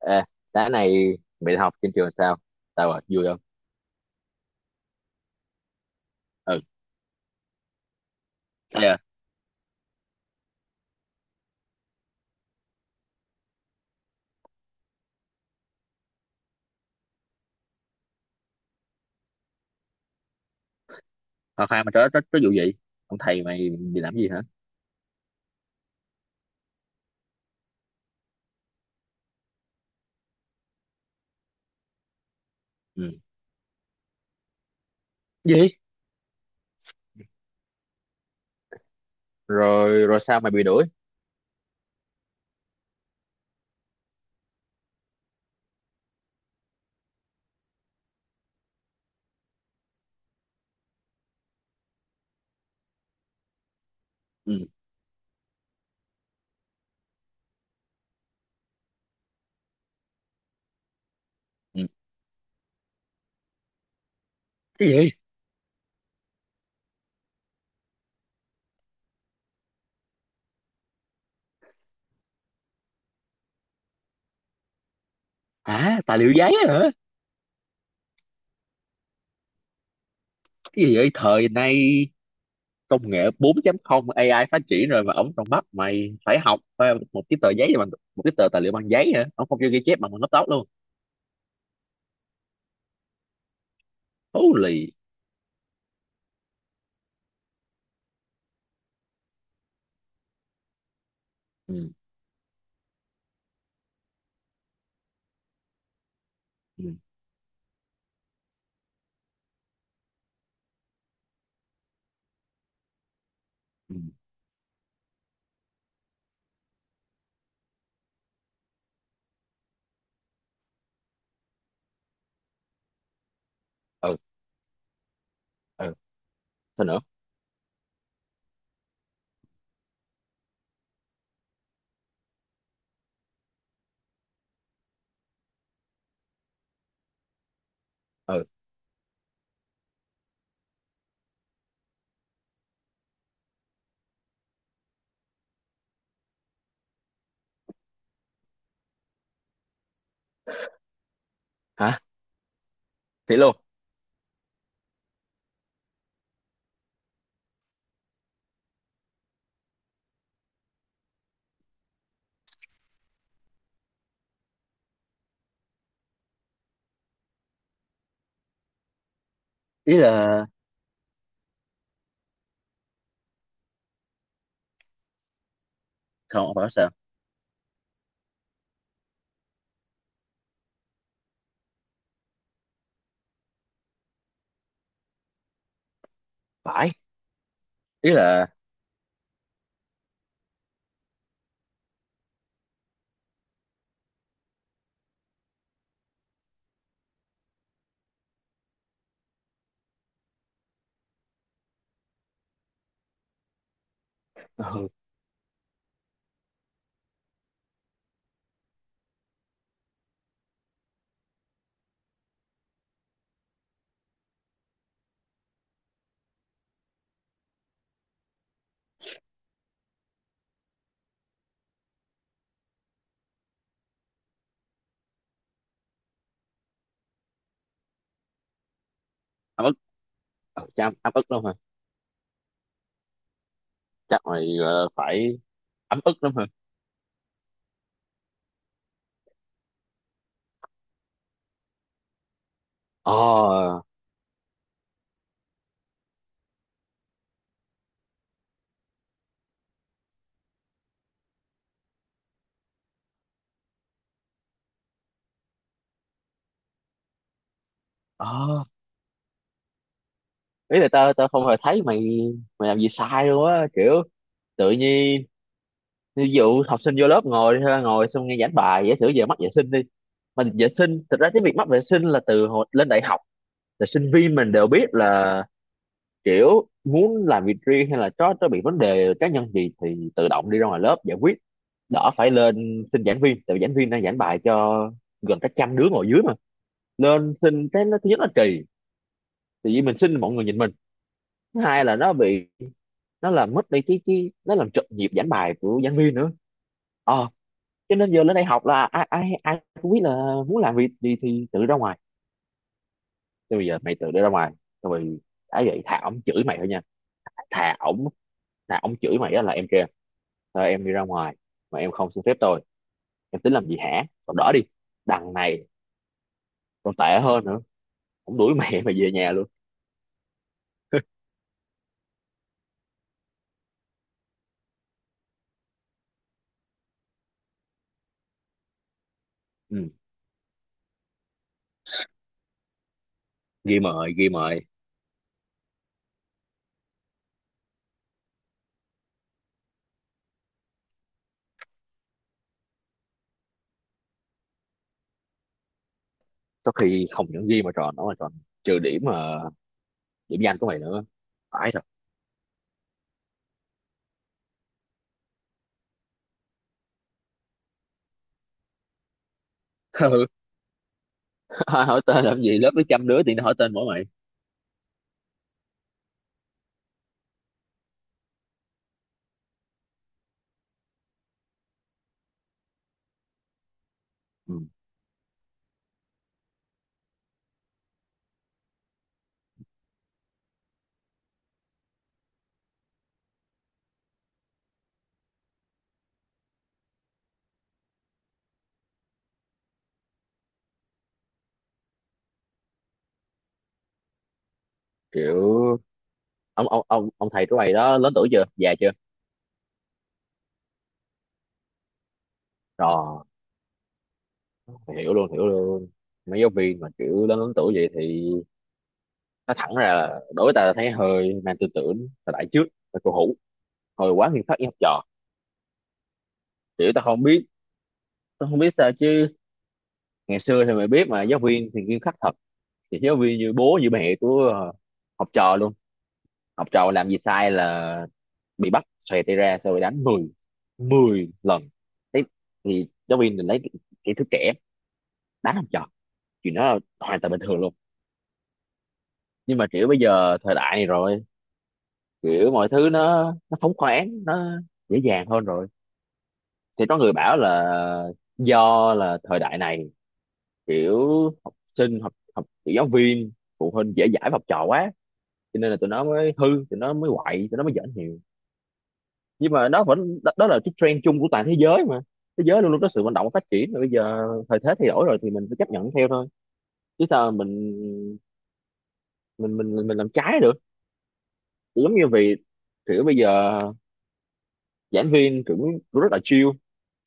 Ê, sáng nay mày học trên trường sao? Sao à? Vui không? Ừ, sao à? Khoan khoan, mà có vụ gì? Ông thầy mày bị làm gì hả? Ừ. Gì? Rồi rồi, sao mày bị đuổi? Ừ. Ừ. Cái gì? Hả? Tài liệu giấy hả? Cái gì vậy? Thời nay công nghệ 4.0, AI phát triển rồi mà ổng còn bắt mày phải học một cái tờ giấy bằng một cái tờ tài liệu bằng giấy hả? Ổng không cho ghi chép bằng bằng laptop luôn. Holy. Ừ. Ừ. Ừ. Ừ. Ừ. Thôi nữa. Ừ. Hả? Thế luôn. Ý là không, không phải sao? Phải, ý là ừ, ấm ức. Ừ, chắc ấm ấm ức lắm hả? Chắc mày phải ấm ức lắm hả? Ờ. Ờ, ý là tao tao không hề thấy mày mày làm gì sai luôn á, kiểu tự nhiên. Ví dụ học sinh vô lớp ngồi ha, ngồi xong nghe giảng bài, giả sử giờ mắc vệ sinh đi, mà vệ sinh thực ra cái việc mắc vệ sinh là từ hồi lên đại học, là sinh viên mình đều biết là kiểu muốn làm việc riêng hay là có bị vấn đề cá nhân gì thì tự động đi ra ngoài lớp giải quyết, đỡ phải lên xin giảng viên, tại vì giảng viên đang giảng bài cho gần cả trăm đứa ngồi dưới mà. Lên xin cái nó thứ nhất là kỳ, tự nhiên mình xin mọi người nhìn mình. Thứ hai là nó bị, nó làm mất đi cái nó làm trật nhịp giảng bài của giảng viên nữa. Ờ, cho nên giờ lên đây học là ai ai ai cũng biết là muốn làm việc gì thì tự ra ngoài. Thế bây giờ mày tự đi ra ngoài rồi, đã vậy thà ổng chửi mày thôi nha. Thà ổng, thà ổng chửi mày á là "em kia, thôi em đi ra ngoài mà em không xin phép tôi, em tính làm gì hả" còn đỡ đi. Đằng này còn tệ hơn nữa, cũng đuổi mẹ mà về nhà luôn. Ừ. Ghi mời, ghi mời. Có khi không những ghi mà tròn, nó mà tròn trừ điểm mà, điểm danh của mày nữa. Phải thật. Ừ. Hỏi tên làm gì, lớp nó trăm đứa thì nó hỏi tên mỗi mày. Ừ. Kiểu ông thầy của mày đó lớn tuổi chưa, già chưa? Rồi. Hiểu luôn, hiểu luôn. Mấy giáo viên mà kiểu lớn lớn tuổi vậy thì nó thẳng ra là đối với ta là thấy hơi mang tư tưởng thời đại trước, là cổ hủ, hồi quá nghiêm khắc với học trò. Kiểu tao không biết, tao không biết sao chứ, ngày xưa thì mày biết mà, giáo viên thì nghiêm khắc thật, thì giáo viên như bố như mẹ của học trò luôn. Học trò làm gì sai là bị bắt xòe tay ra xong rồi đánh 10, mười lần. Thế thì giáo viên mình lấy cái thứ trẻ đánh học trò, chuyện đó là hoàn toàn bình thường luôn. Nhưng mà kiểu bây giờ thời đại này rồi, kiểu mọi thứ nó phóng khoáng, nó dễ dàng hơn rồi, thì có người bảo là do là thời đại này, kiểu học sinh học học kiểu giáo viên phụ huynh dễ dãi với học trò quá, cho nên là tụi nó mới hư, tụi nó mới quậy, tụi nó mới giỡn nhiều, nhưng mà nó vẫn đó, đó là cái trend chung của toàn thế giới mà. Thế giới luôn luôn có sự vận động và phát triển mà, bây giờ thời thế thay đổi rồi thì mình phải chấp nhận theo thôi, chứ sao mình mình làm trái được. Thì giống như vì kiểu bây giờ giảng viên cũng cũng rất là chill,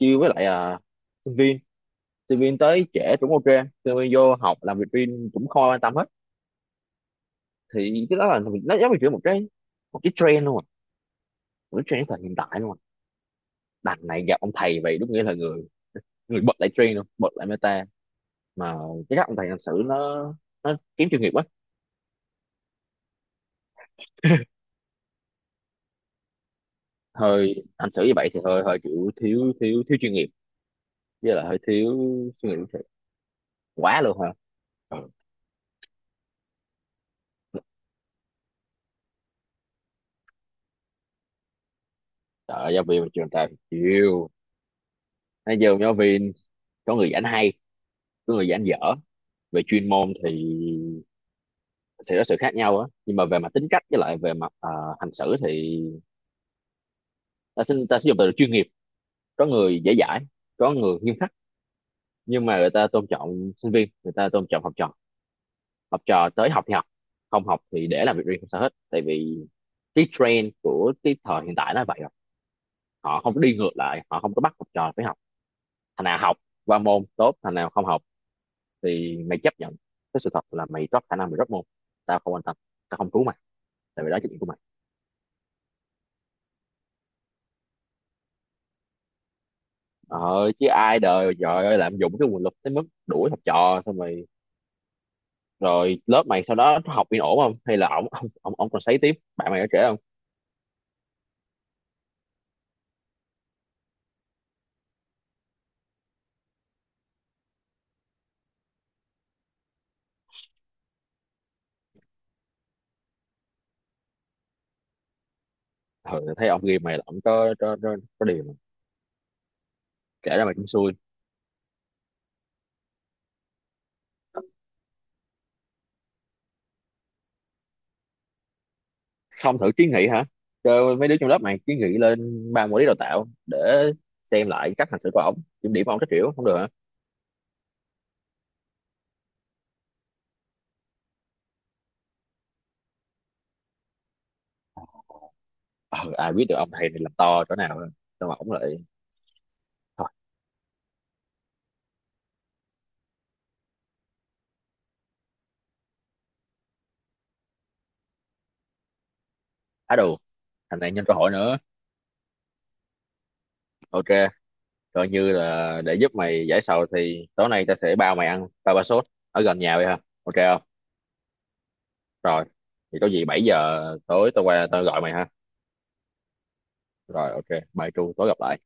chill với lại à, sinh viên, sinh viên tới trễ cũng ok, sinh viên vô học làm việc riêng cũng không ai quan tâm hết, thì cái đó là mình nó giống như kiểu một cái, một cái trend luôn à, một cái trend thời hiện tại luôn à. Đằng này gặp ông thầy vậy đúng nghĩa là người, người bật lại trend luôn, bật lại meta mà. Cái cách ông thầy hành xử nó kém chuyên nghiệp quá. Hơi hành xử như vậy thì hơi hơi kiểu thiếu thiếu thiếu chuyên nghiệp, với là hơi thiếu suy nghĩ thiệt. Quá luôn hả? Ừ. Trời ơi, giáo viên mà trường ta thì chịu. Nói giờ giáo viên có người giảng hay, có người giảng dở về chuyên môn thì sẽ có sự khác nhau á, nhưng mà về mặt tính cách với lại về mặt hành xử thì ta xin ta sử dụng từ chuyên nghiệp. Có người dễ dãi, có người nghiêm khắc, nhưng mà người ta tôn trọng sinh viên, người ta tôn trọng học trò. Học trò tới học thì học, không học thì để làm việc riêng không sao hết, tại vì cái trend của cái thời hiện tại nó vậy rồi. Họ không có đi ngược lại, họ không có bắt học trò phải học. Thằng nào học qua môn tốt, thằng nào không học thì mày chấp nhận cái sự thật là mày drop khả năng, mày drop môn. Tao không quan tâm, tao không cứu mày, tại vì đó là trách nhiệm của mày. Ờ chứ ai đời, trời ơi, lạm dụng cái nguồn lực tới mức đuổi học trò, xong rồi rồi lớp mày sau đó nó học yên ổn không, hay là ổng ông còn sấy tiếp, bạn mày có kể không? Ừ, thấy ông ghi mày là ổng có điều mà. Kể ra mày cũng xui. Không thử kiến nghị hả, cho mấy đứa trong lớp mày kiến nghị lên ban quản lý đào tạo để xem lại cách hành xử của ổng, kiểm điểm ông các kiểu không được hả? Ờ, Ai biết được ông thầy này làm to chỗ nào, sao mà ổng lại thôi. Á đù, thằng này nhân cơ hội nữa. Ok, coi như là để giúp mày giải sầu thì tối nay tao sẽ bao mày ăn ba ba sốt ở gần nhà vậy hả, ok không? Rồi thì có gì 7 giờ tối tao qua tao gọi mày ha. Rồi, ok. Bye Tru, tối gặp lại.